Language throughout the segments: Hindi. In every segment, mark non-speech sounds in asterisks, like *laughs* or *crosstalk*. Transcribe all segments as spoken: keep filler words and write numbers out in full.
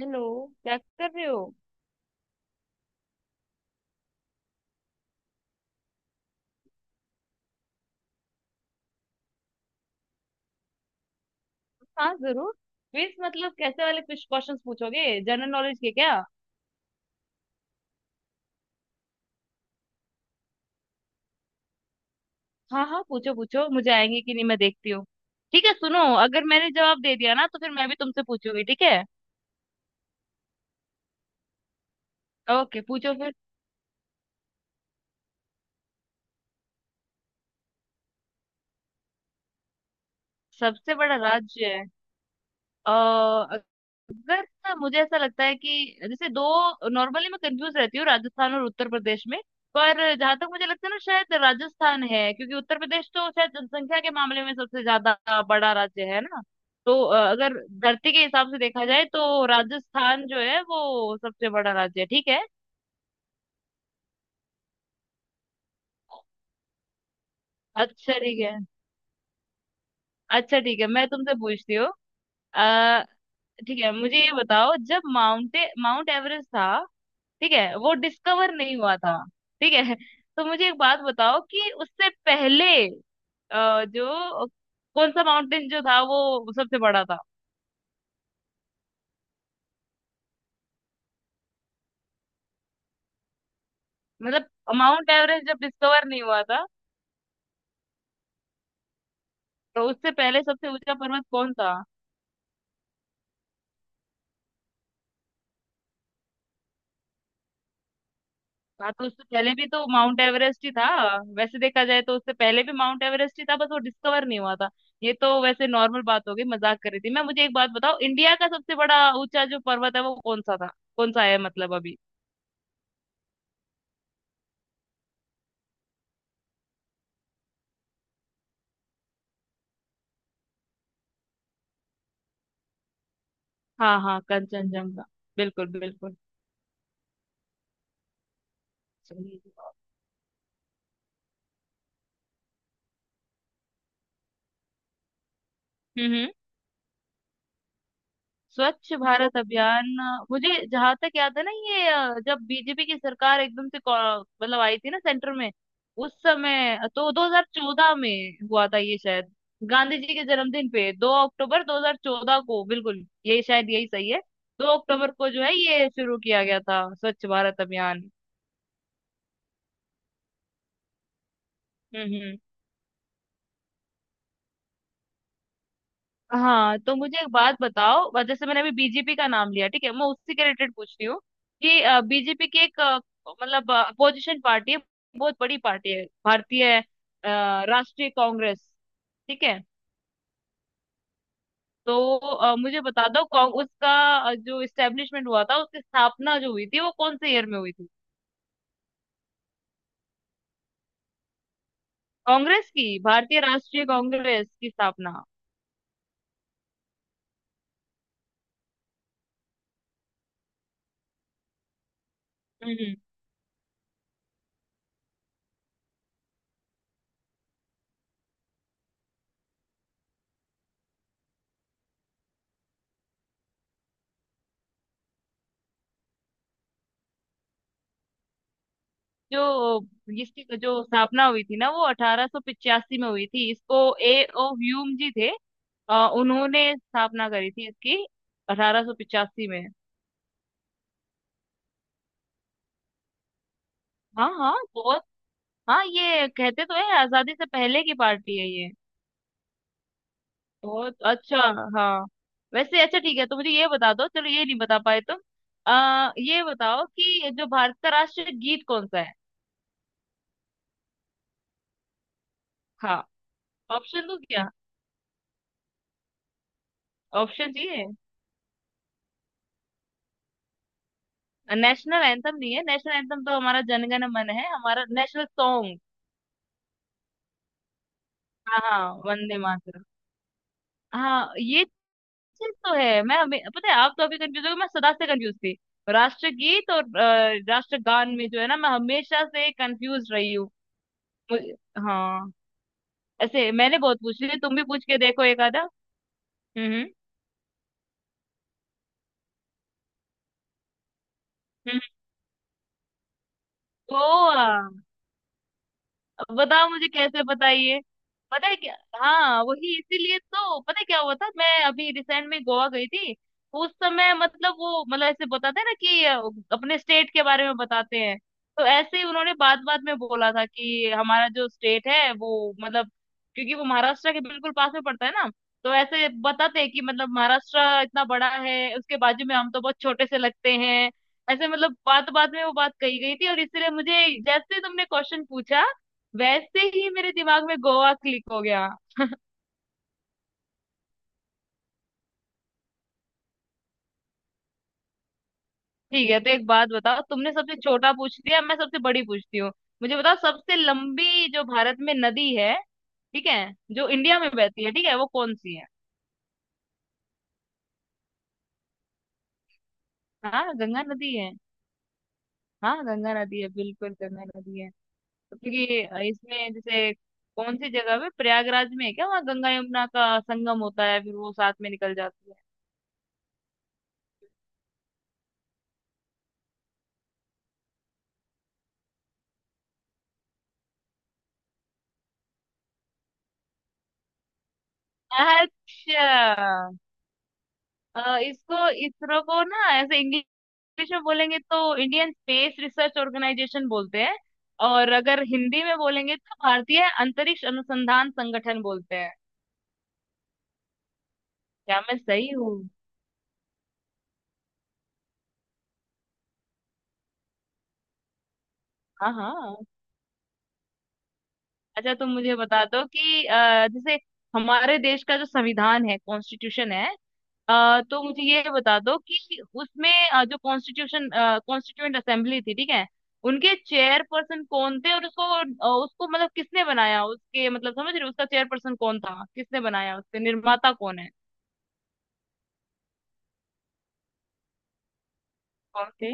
हेलो। क्या कर रहे हो? हाँ, जरूर। क्विज मतलब कैसे वाले? कुछ क्वेश्चंस पूछोगे जनरल नॉलेज के क्या? हाँ हाँ, पूछो पूछो, मुझे आएंगे कि नहीं मैं देखती हूँ। ठीक है, सुनो, अगर मैंने जवाब दे दिया ना तो फिर मैं भी तुमसे पूछूंगी, ठीक है? ओके, पूछो फिर। सबसे बड़ा राज्य। अ, अगर ना, मुझे ऐसा लगता है कि जैसे दो नॉर्मली मैं कंफ्यूज रहती हूँ राजस्थान और उत्तर प्रदेश में। पर जहां तक मुझे लगता है ना, शायद राजस्थान है, क्योंकि उत्तर प्रदेश तो शायद जनसंख्या के मामले में सबसे ज्यादा बड़ा राज्य है ना। तो अ, अगर धरती के हिसाब से देखा जाए तो राजस्थान जो है वो सबसे बड़ा राज्य है, ठीक है। अच्छा, ठीक है। अच्छा, ठीक है, मैं तुमसे पूछती हूँ। अ, ठीक है, मुझे ये बताओ, जब माउंटे माउंट एवरेस्ट था, ठीक है, वो डिस्कवर नहीं हुआ था। ठीक है, तो मुझे एक बात बताओ कि उससे पहले अ, जो कौन सा माउंटेन जो था वो सबसे बड़ा था? मतलब, माउंट एवरेस्ट जब डिस्कवर नहीं हुआ था तो उससे पहले सबसे ऊंचा पर्वत कौन था? हाँ, तो उससे पहले भी तो माउंट एवरेस्ट ही था। वैसे देखा जाए तो उससे पहले भी माउंट एवरेस्ट ही था, बस वो डिस्कवर नहीं हुआ था। ये तो वैसे नॉर्मल बात हो गई, मजाक कर रही थी मैं। मुझे एक बात बताओ, इंडिया का सबसे बड़ा ऊंचा जो पर्वत है वो कौन सा था, कौन सा है मतलब अभी? हाँ हाँ, कंचनजंगा। बिल्कुल बिल्कुल। चलिए। हम्म। स्वच्छ भारत अभियान। अ, मुझे जहां तक याद है ना, ये अ, जब बीजेपी की सरकार एकदम से कौ- मतलब आई थी ना सेंटर में, उस समय तो दो हज़ार चौदह में हुआ था ये शायद। गांधी जी के जन्मदिन पे दो अक्टूबर दो हज़ार चौदह को, बिल्कुल यही, शायद यही सही है। दो अक्टूबर को जो है ये शुरू किया गया था स्वच्छ भारत अभियान। हम्म। हाँ, तो मुझे एक बात बताओ, वह जैसे मैंने अभी बीजेपी का नाम लिया, ठीक है, मैं उसी के रिलेटेड पूछ रही हूँ कि बीजेपी की एक अ, मतलब अपोजिशन पार्टी है, बहुत बड़ी पार्टी है, भारतीय अ, राष्ट्रीय कांग्रेस, ठीक है। तो अ, मुझे बता दो कौन- उसका अ, जो इस्टेब्लिशमेंट हुआ था, उसकी स्थापना जो हुई थी वो कौन से ईयर में हुई थी? कांग्रेस की, भारतीय राष्ट्रीय कांग्रेस की स्थापना। हम्म हम्म। जो इसकी जो स्थापना हुई थी ना वो अठारह सौ पचासी में हुई थी, इसको ए ओ ह्यूम जी थे, अ, उन्होंने स्थापना करी थी इसकी अठारह सौ पचासी में। हाँ हाँ, बहुत। हाँ, ये कहते तो है, आजादी से पहले की पार्टी है ये। बहुत अच्छा। हाँ। वैसे अच्छा, ठीक है तो मुझे ये बता दो, चलो, ये नहीं बता पाए तुम। आ, ये बताओ कि जो भारत का राष्ट्रीय गीत कौन सा है? हाँ। ऑप्शन दो क्या? ऑप्शन चाहिए। नेशनल एंथम नहीं है, नेशनल एंथम तो हमारा जनगण मन है, हमारा नेशनल सॉन्ग। हाँ हाँ, वंदे मातरम। हाँ, ये चीज तो है, मैं हमे- पता है, आप तो अभी कंफ्यूज हो गए, मैं सदा से कंफ्यूज थी। राष्ट्रगीत और अ, राष्ट्रगान में जो है ना, मैं हमेशा से कंफ्यूज रही हूँ। मुझे- हाँ। ऐसे मैंने बहुत पूछ लिया, तुम भी पूछ के देखो एक आधा। हम्म हम्म। गोवा। अब बताओ मुझे कैसे बताइए। पता है क्या? हाँ, वही इसीलिए तो। पता है क्या हुआ था, मैं अभी रिसेंट में गोवा गई थी। उस समय मतलब वो मतलब ऐसे बताते हैं ना कि अ, अपने स्टेट के बारे में बताते हैं। तो ऐसे ही उन्होंने बात बात में बोला था कि हमारा जो स्टेट है वो मतलब, क्योंकि वो महाराष्ट्र के बिल्कुल पास में पड़ता है ना, तो ऐसे बताते हैं कि मतलब महाराष्ट्र इतना बड़ा है, उसके बाजू में हम तो बहुत छोटे से लगते हैं। ऐसे मतलब बात बात में वो बात कही गई थी, और इसलिए मुझे जैसे ही तुमने क्वेश्चन पूछा, वैसे ही मेरे दिमाग में गोवा क्लिक हो गया। ठीक है, तो एक बात बताओ, तुमने सबसे छोटा पूछ लिया, मैं सबसे बड़ी पूछती हूँ। मुझे बताओ, सबसे लंबी जो भारत में नदी है, ठीक है, जो इंडिया में बहती है, ठीक है, वो कौन सी है? हाँ, गंगा नदी है। हाँ, गंगा नदी है, बिल्कुल, गंगा नदी है। तो क्योंकि इसमें जैसे, कौन सी जगह पे, प्रयागराज में है क्या, वहाँ गंगा यमुना का संगम होता है, फिर वो साथ में निकल जाती है। अच्छा। अ, इसको, इसरो को ना, ऐसे इंग्लिश में बोलेंगे तो इंडियन स्पेस रिसर्च ऑर्गेनाइजेशन बोलते हैं, और अगर हिंदी में बोलेंगे तो भारतीय अंतरिक्ष अनुसंधान संगठन बोलते हैं। क्या मैं सही हूँ? हाँ हाँ। अच्छा, तुम मुझे बता दो कि अ, जैसे हमारे देश का जो संविधान है, कॉन्स्टिट्यूशन है, अ, तो मुझे ये बता दो कि उसमें अ, जो कॉन्स्टिट्यूशन कॉन्स्टिट्यूएंट असेंबली थी, ठीक है, उनके चेयर पर्सन कौन थे, और उसको अ, उसको मतलब किसने बनाया, उसके मतलब, समझ रहे हो, उसका चेयर पर्सन कौन था, किसने बनाया, उसके निर्माता कौन है, कौन थे?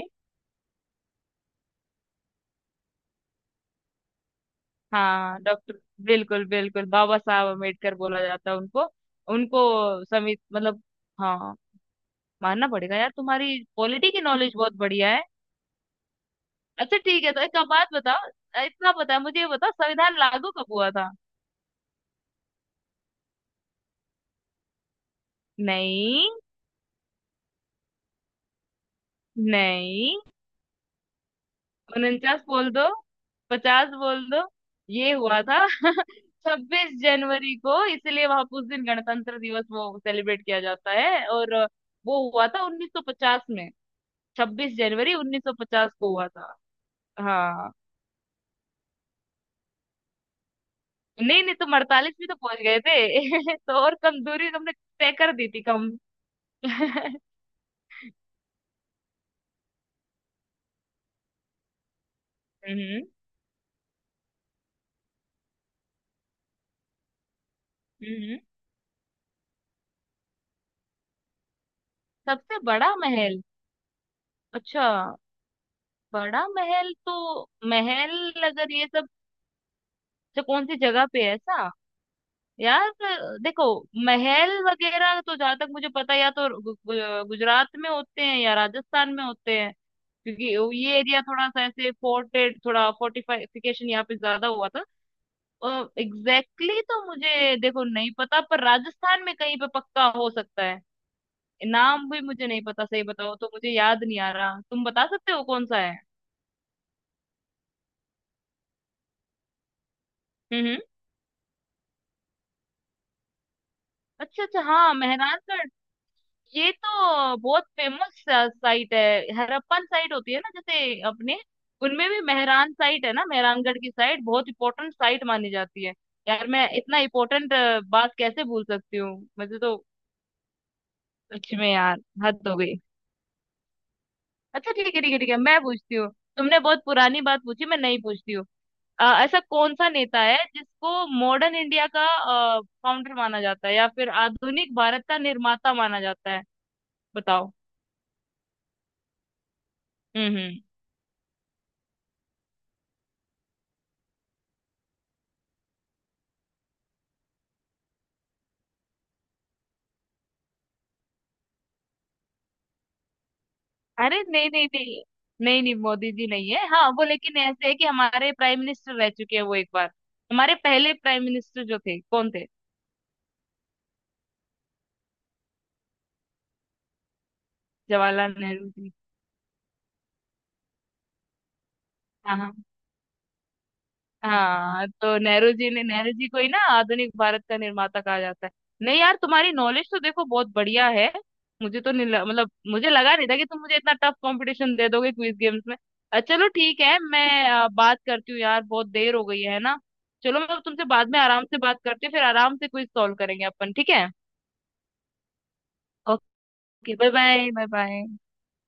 हाँ, डॉक्टर। बिल्कुल बिल्कुल, बाबा साहब अम्बेडकर बोला जाता है उनको। उनको समित मतलब। हाँ। मानना पड़ेगा यार, तुम्हारी पॉलिटी की नॉलेज बहुत बढ़िया है। अच्छा, ठीक है, तो एक बात बताओ, अ, इतना पता है, मुझे ये बताओ, संविधान लागू कब हुआ था? नहीं। नहीं। उनचास बोल दो, पचास बोल दो, ये हुआ था *laughs* छब्बीस जनवरी को, इसलिए वहां उस दिन गणतंत्र दिवस वो सेलिब्रेट किया जाता है, और अ, वो हुआ था उन्नीस सौ पचास में। छब्बीस जनवरी उन्नीस सौ पचास को हुआ था। हाँ। नहीं नहीं, तुम अड़तालीस भी तो पहुंच गए थे *laughs* तो और कम दूरी तुमने तय कर दी थी, कम। *laughs* हम्म हम्म। सबसे बड़ा महल। अच्छा। बड़ा महल तो, महल अगर ये सब, तो कौन सी जगह पे है ऐसा? यार, देखो, महल वगैरह तो जहां तक मुझे पता है, या तो गु- गु- गुजरात में होते हैं या राजस्थान में होते हैं, क्योंकि ये एरिया थोड़ा सा ऐसे फोर्टेड, थोड़ा फोर्टिफिकेशन यहाँ पे ज्यादा हुआ था। एग्जैक्टली exactly, तो मुझे देखो नहीं पता, पर राजस्थान में कहीं पे पक्का हो सकता है। नाम भी मुझे नहीं पता, सही बताओ तो मुझे याद नहीं आ रहा, तुम बता सकते हो कौन सा है? हम्म हम्म। अच्छा अच्छा, हाँ, मेहरानगढ़। ये तो बहुत फेमस साइट है। हड़प्पन साइट होती है ना जैसे अपने, उनमें भी मेहरान साइट है ना, मेहरानगढ़ की साइट बहुत इंपॉर्टेंट साइट मानी जाती है। यार, मैं इतना इंपॉर्टेंट बात कैसे भूल सकती हूँ? मुझे तो, सच में यार, हद हो गई। अच्छा ठीक है, ठीक है, ठीक है, मैं पूछती हूँ। तुमने बहुत पुरानी बात पूछी, मैं नहीं पूछती हूँ। अ, ऐसा कौन सा नेता है जिसको मॉडर्न इंडिया का फाउंडर माना जाता है, या फिर आधुनिक भारत का निर्माता माना जाता है, बताओ? हम्म हम्म। अरे नहीं नहीं नहीं। नहीं नहीं, मोदी जी नहीं है, हाँ वो, लेकिन ऐसे है कि हमारे प्राइम मिनिस्टर रह चुके हैं वो एक बार। हमारे पहले प्राइम मिनिस्टर जो थे कौन थे? जवाहरलाल नेहरू जी। हाँ हाँ। हाँ, तो नेहरू जी ने नेहरू जी को ही ना आधुनिक भारत का निर्माता कहा जाता है। नहीं यार, तुम्हारी नॉलेज तो देखो बहुत बढ़िया है। मुझे तो नहीं ल- मतलब मुझे लगा नहीं था कि तुम मुझे इतना टफ कंपटीशन दे दोगे क्विज गेम्स में। अ, चलो ठीक है, मैं अ, बात करती हूँ यार, बहुत देर हो गई है ना। चलो, मैं तुमसे बाद में आराम से बात करती हूँ, फिर आराम से क्विज सॉल्व करेंगे अपन, ठीक है? Okay, bye bye bye bye.